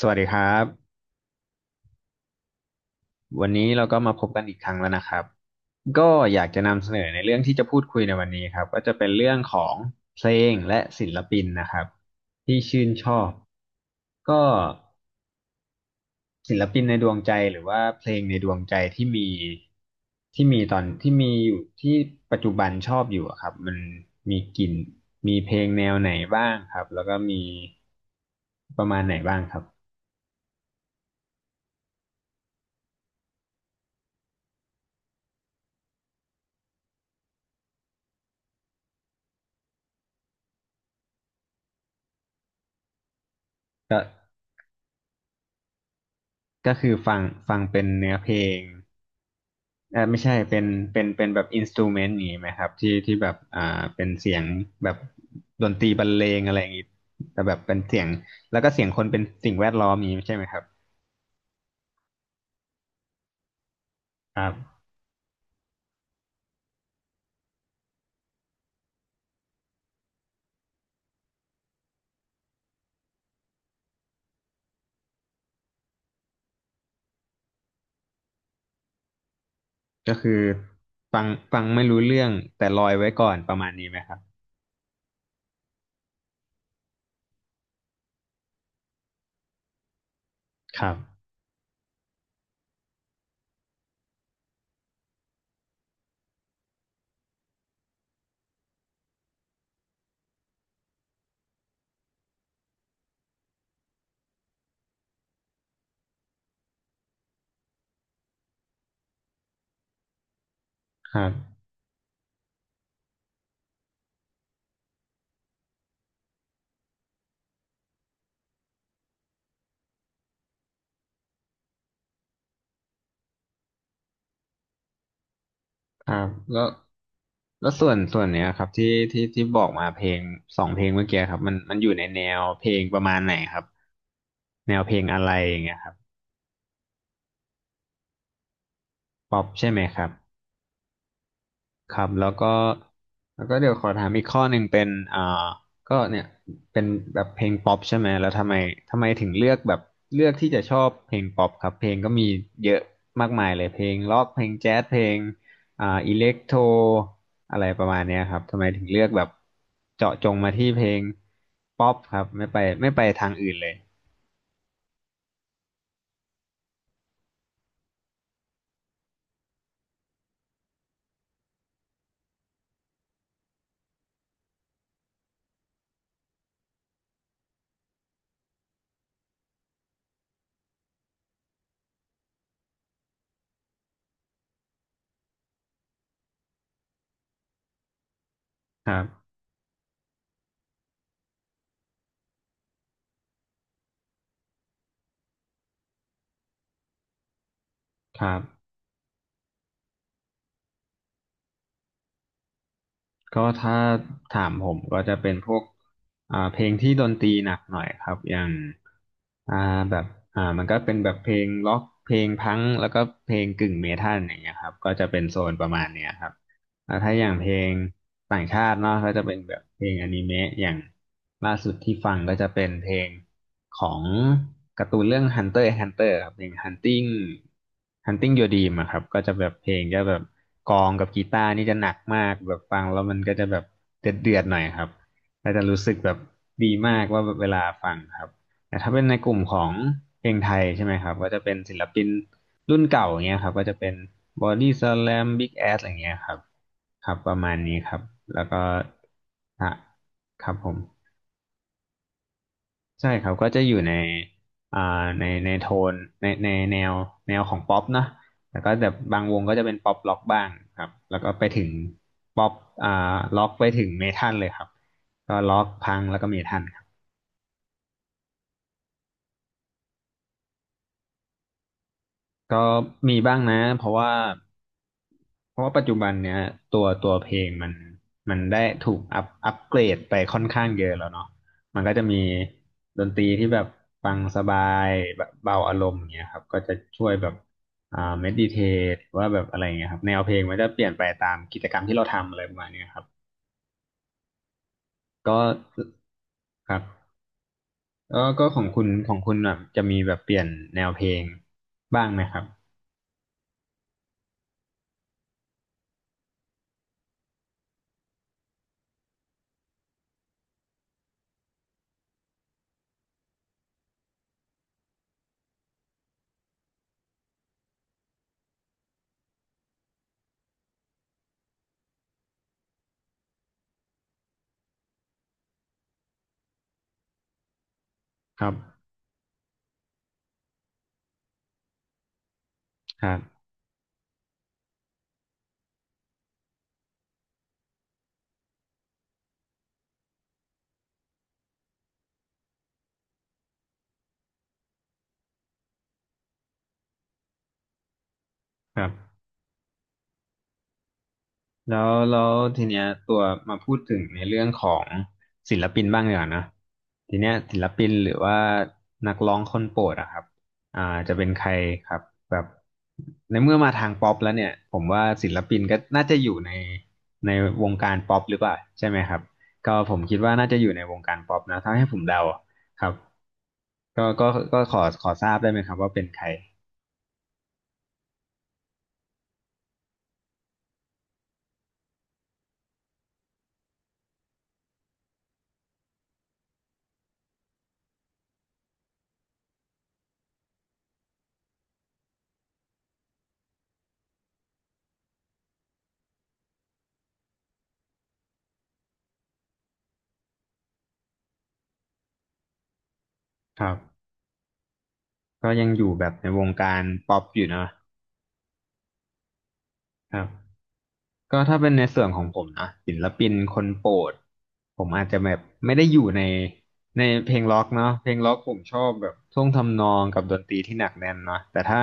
สวัสดีครับวันนี้เราก็มาพบกันอีกครั้งแล้วนะครับก็อยากจะนำเสนอในเรื่องที่จะพูดคุยในวันนี้ครับก็จะเป็นเรื่องของเพลงและศิลปินนะครับที่ชื่นชอบก็ศิลปินในดวงใจหรือว่าเพลงในดวงใจที่มีตอนที่มีอยู่ที่ปัจจุบันชอบอยู่อะครับมันมีกลิ่นมีเพลงแนวไหนบ้างครับแล้วก็มีประมาณไหนบ้างครับก็คือฟังเป็นเนื้อเพลง ไม่ใช่เป็นเป็นแบบอินสตูเมนต์นี้ไหมครับที่แบบเป็นเสียงแบบดนตรีบรรเลงอะไรอย่างนี้แต่แบบเป็นเสียงแล้วก็เสียงคนเป็นสิ่งแวดล้อมอย่างนี้ใช่ไหมครับครับก็คือฟังฟังไม่รู้เรื่องแต่ลอยไว้ก่อนประมาณนี้ไหมครับครับครับครับแล้วส่วนเนี้ยครับที่บอกมาเพลงสองเพลงเมื่อกี้ครับมันอยู่ในแนวเพลงประมาณไหนครับแนวเพลงอะไรอย่างเงี้ยครับป๊อปใช่ไหมครับ ครับแล้วก็แล้วก็เดี๋ยวขอถามอีกข้อหนึ่งเป็นก็เนี่ยเป็นแบบเพลงป๊อปใช่ไหมแล้วทำไมถึงเลือกแบบเลือกที่จะชอบเพลงป๊อปครับเพลงก็มีเยอะมากมายเลยเพลงร็อกเพลงแจ๊สเพลงอิเล็กโทรอะไรประมาณเนี้ยครับทำไมถึงเลือกแบบเจาะจงมาที่เพลงป๊อปครับไม่ไปทางอื่นเลยครับครับก็ถ้าถามผมก็จะเป็นพวกเพลงที่ดนตรีหนักหน่อยครับอย่าง อ่าแบบมันก็เป็นแบบเพลงล็อกเพลงพังก์แล้วก็เพลงกึ่งเมทัลอย่างเงี้ยครับก็จะเป็นโซนประมาณเนี้ยครับแล้วถ้าอย่างเพลงต่างชาติเนาะก็จะเป็นแบบเพลงอนิเมะอย่างล่าสุดที่ฟังก็จะเป็นเพลงของการ์ตูนเรื่อง Hunter x Hunter ครับเพลง Hunting Your Dream อะครับก็จะแบบเพลงจะแบบกลองกับกีตาร์นี่จะหนักมากแบบฟังแล้วมันก็จะแบบเดือดๆหน่อยครับก็จะรู้สึกแบบดีมากว่าแบบเวลาฟังครับ แต่ถ้าเป็นในกลุ่มของเพลงไทยใช่ไหมครับก็จะเป็นศิลปินรุ่นเก่าอย่างเงี้ยครับก็จะเป็นบอดี้สแลมบิ๊กแอสอะไรเงี้ยครับครับประมาณนี้ครับแล้วก็อ่ะครับผมใช่ครับก็จะอยู่ในอ่าในในโทนในในแนวแนวของป๊อปนะแล้วก็แบบบางวงก็จะเป็นป๊อปล็อกบ้างครับแล้วก็ไปถึงป๊อปอ่าล็อกไปถึงเมทัลเลยครับก็ล็อกพังแล้วก็เมทัลครับก็มีบ้างนะเพราะว่าปัจจุบันเนี้ยตัวเพลงมันได้ถูกอัพอัปเกรดไปค่อนข้างเยอะแล้วเนาะมันก็จะมีดนตรีที่แบบฟังสบายแบบเบาอารมณ์อย่างเงี้ยครับก็จะช่วยแบบเมดิเททว่าแบบอะไรเงี้ยครับแนวเพลงมันจะเปลี่ยนไปตามกิจกรรมที่เราทำอะไรประมาณเนี้ยครับก็ครับก็ก็ของคุณของคุณแบบจะมีแบบเปลี่ยนแนวเพลงบ้างไหมครับครับครับครับ แล้วทีเนี้ยตัวมาพูดถึงในเรื่องของศิลปินบ้างดีกว่านะทีเนี้ยศิลปินหรือว่านักร้องคนโปรดอะครับอ่าจะเป็นใครครับแบบในเมื่อมาทางป๊อปแล้วเนี่ยผมว่าศิลปินก็น่าจะอยู่ในในวงการป๊อปหรือเปล่าใช่ไหมครับก็ผมคิดว่าน่าจะอยู่ในวงการป๊อปนะถ้าให้ผมเดาครับก็ก็ก็ขอทราบได้ไหมครับว่าเป็นใครครับก็ยังอยู่แบบในวงการป๊อปอยู่เนอะครับ ก็ถ้าเป็นในส่วนของผมนะศิลปินคนโปรดผมอาจจะแบบไม่ได้อยู่ในในเพลงล็อกเนาะเพลงล็อกผมชอบแบบท่วงทำนองกับดนตรีที่หนักแน่นเนาะแต่ถ้า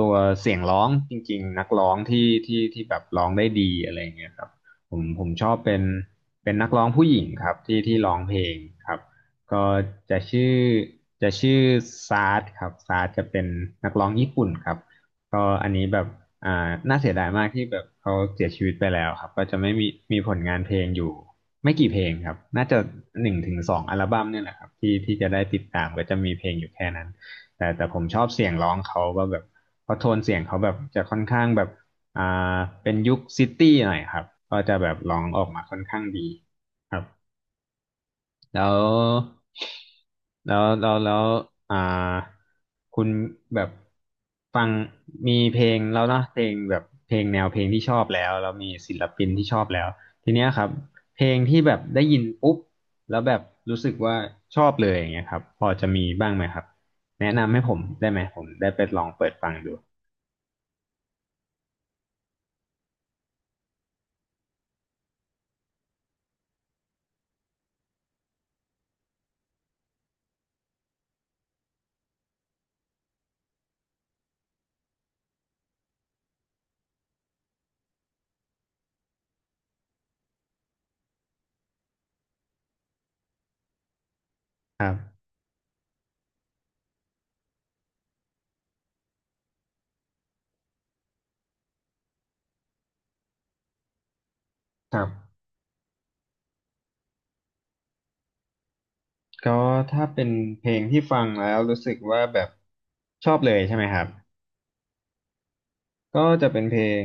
ตัวเสียงร้องจริงๆนักร้องที่แบบร้องได้ดีอะไรเงี้ยครับผมชอบเป็นนักร้องผู้หญิงครับที่ร้องเพลงครับก็จะชื่อจะชื่อซาร์ดครับซาร์ดจะเป็นนักร้องญี่ปุ่นครับก็อันนี้แบบ อ่าน่าเสียดายมากที่แบบเขาเสียชีวิตไปแล้วครับก็จะไม่มีผลงานเพลงอยู่ไม่กี่เพลงครับน่าจะ1 ถึง 2อัลบั้มเนี่ยแหละครับที่จะได้ติดตามก็จะมีเพลงอยู่แค่นั้นแต่ผมชอบเสียงร้องเขาว่าแบบเพราะโทนเสียงเขาแบบจะค่อนข้างแบบอ่าเป็นยุคซิตี้หน่อยครับก็จะแบบร้องออกมาค่อนข้างดีครับ แล้วแล้วอ่าคุณแบบฟังมีเพลงแล้วเนอะเพลงแบบเพลงแนวเพลงที่ชอบแล้วมีศิลปินที่ชอบแล้วทีเนี้ยครับเพลงที่แบบได้ยินปุ๊บแล้วแบบรู้สึกว่าชอบเลยอย่างเงี้ยครับพอจะมีบ้างไหมครับแนะนำให้ผมได้ไหมผมได้ไปลองเปิดฟังดูครับครับก็ถ้าเป็นเพลงที่ฟังแล้วรู้สึกว่าแบบชอบเลยใช่ไหมครับ ก็จะเป็นเพลง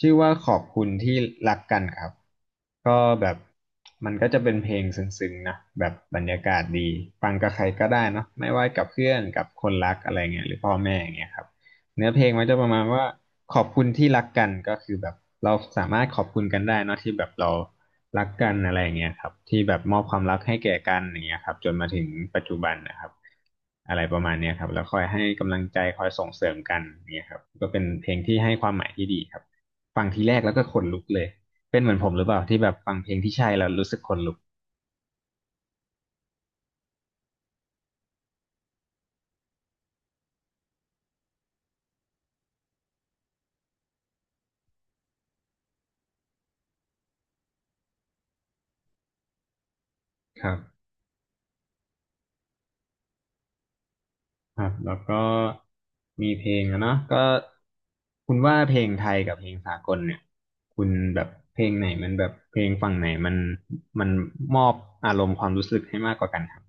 ชื่อว่าขอบคุณที่รักกันครับก็แบบมันก็จะเป็นเพลงซึ้งๆนะแบบบรรยากาศดีฟังกับใครก็ได้เนาะไม่ว่ากับเพื่อนกับคนรักอะไรเงี้ยหรือพ่อแม่อย่างเงี้ยครับ เนื้อเพลงมันจะประมาณว่าขอบคุณที่รักกันก็คือแบบเราสามารถขอบคุณกันได้เนอะที่แบบเรารักกันอะไรอย่างเงี้ยครับที่แบบมอบความรักให้แก่กันอย่างเงี้ยครับจนมาถึงปัจจุบันนะครับอะไรประมาณเนี้ยครับแล้วคอยให้กำลังใจคอยส่งเสริมกันอย่างเงี้ยครับก็เป็นเพลงที่ให้ความหมายที่ดีครับฟังทีแรกแล้วก็ขนลุกเลยเป็นเหมือนผมหรือเปล่าที่แบบฟังเพลงที่ใช่แล้วรู้สึกขนลุกครับ ครับแล้วก็มีเพลงอะเนาะก็คุณว่าเพลงไทยกับเพลงสากลเนี่ยคุณแบบเพลงไหนมันแบบเพลงฝั่งไหนมันมอบอารมณ์ความรู้สึกให้มากกว่ากันครับ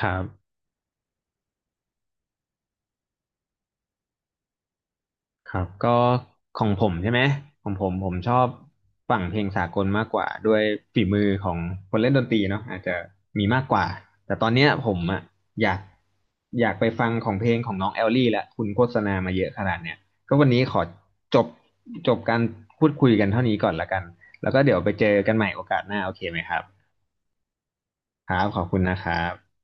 ครับ ครับก็ของผมใช่ไหมของผมผมชอบฝั่งเพลงสากลมากกว่าด้วยฝีมือของคนเล่นดนตรีเนาะอาจจะมีมากกว่าแต่ตอนเนี้ยผมอะอยากอยากไปฟังของเพลงของน้องแอลลี่ละคุณโฆษณามาเยอะขนาดเนี้ยก็วันนี้ขอจบจบการพูดคุยกันเท่านี้ก่อนละกันแล้วก็เดี๋ยวไปเจอกันใหม่โอกาสหน้าโอเคไหมครับครับขอบคุณนะครับ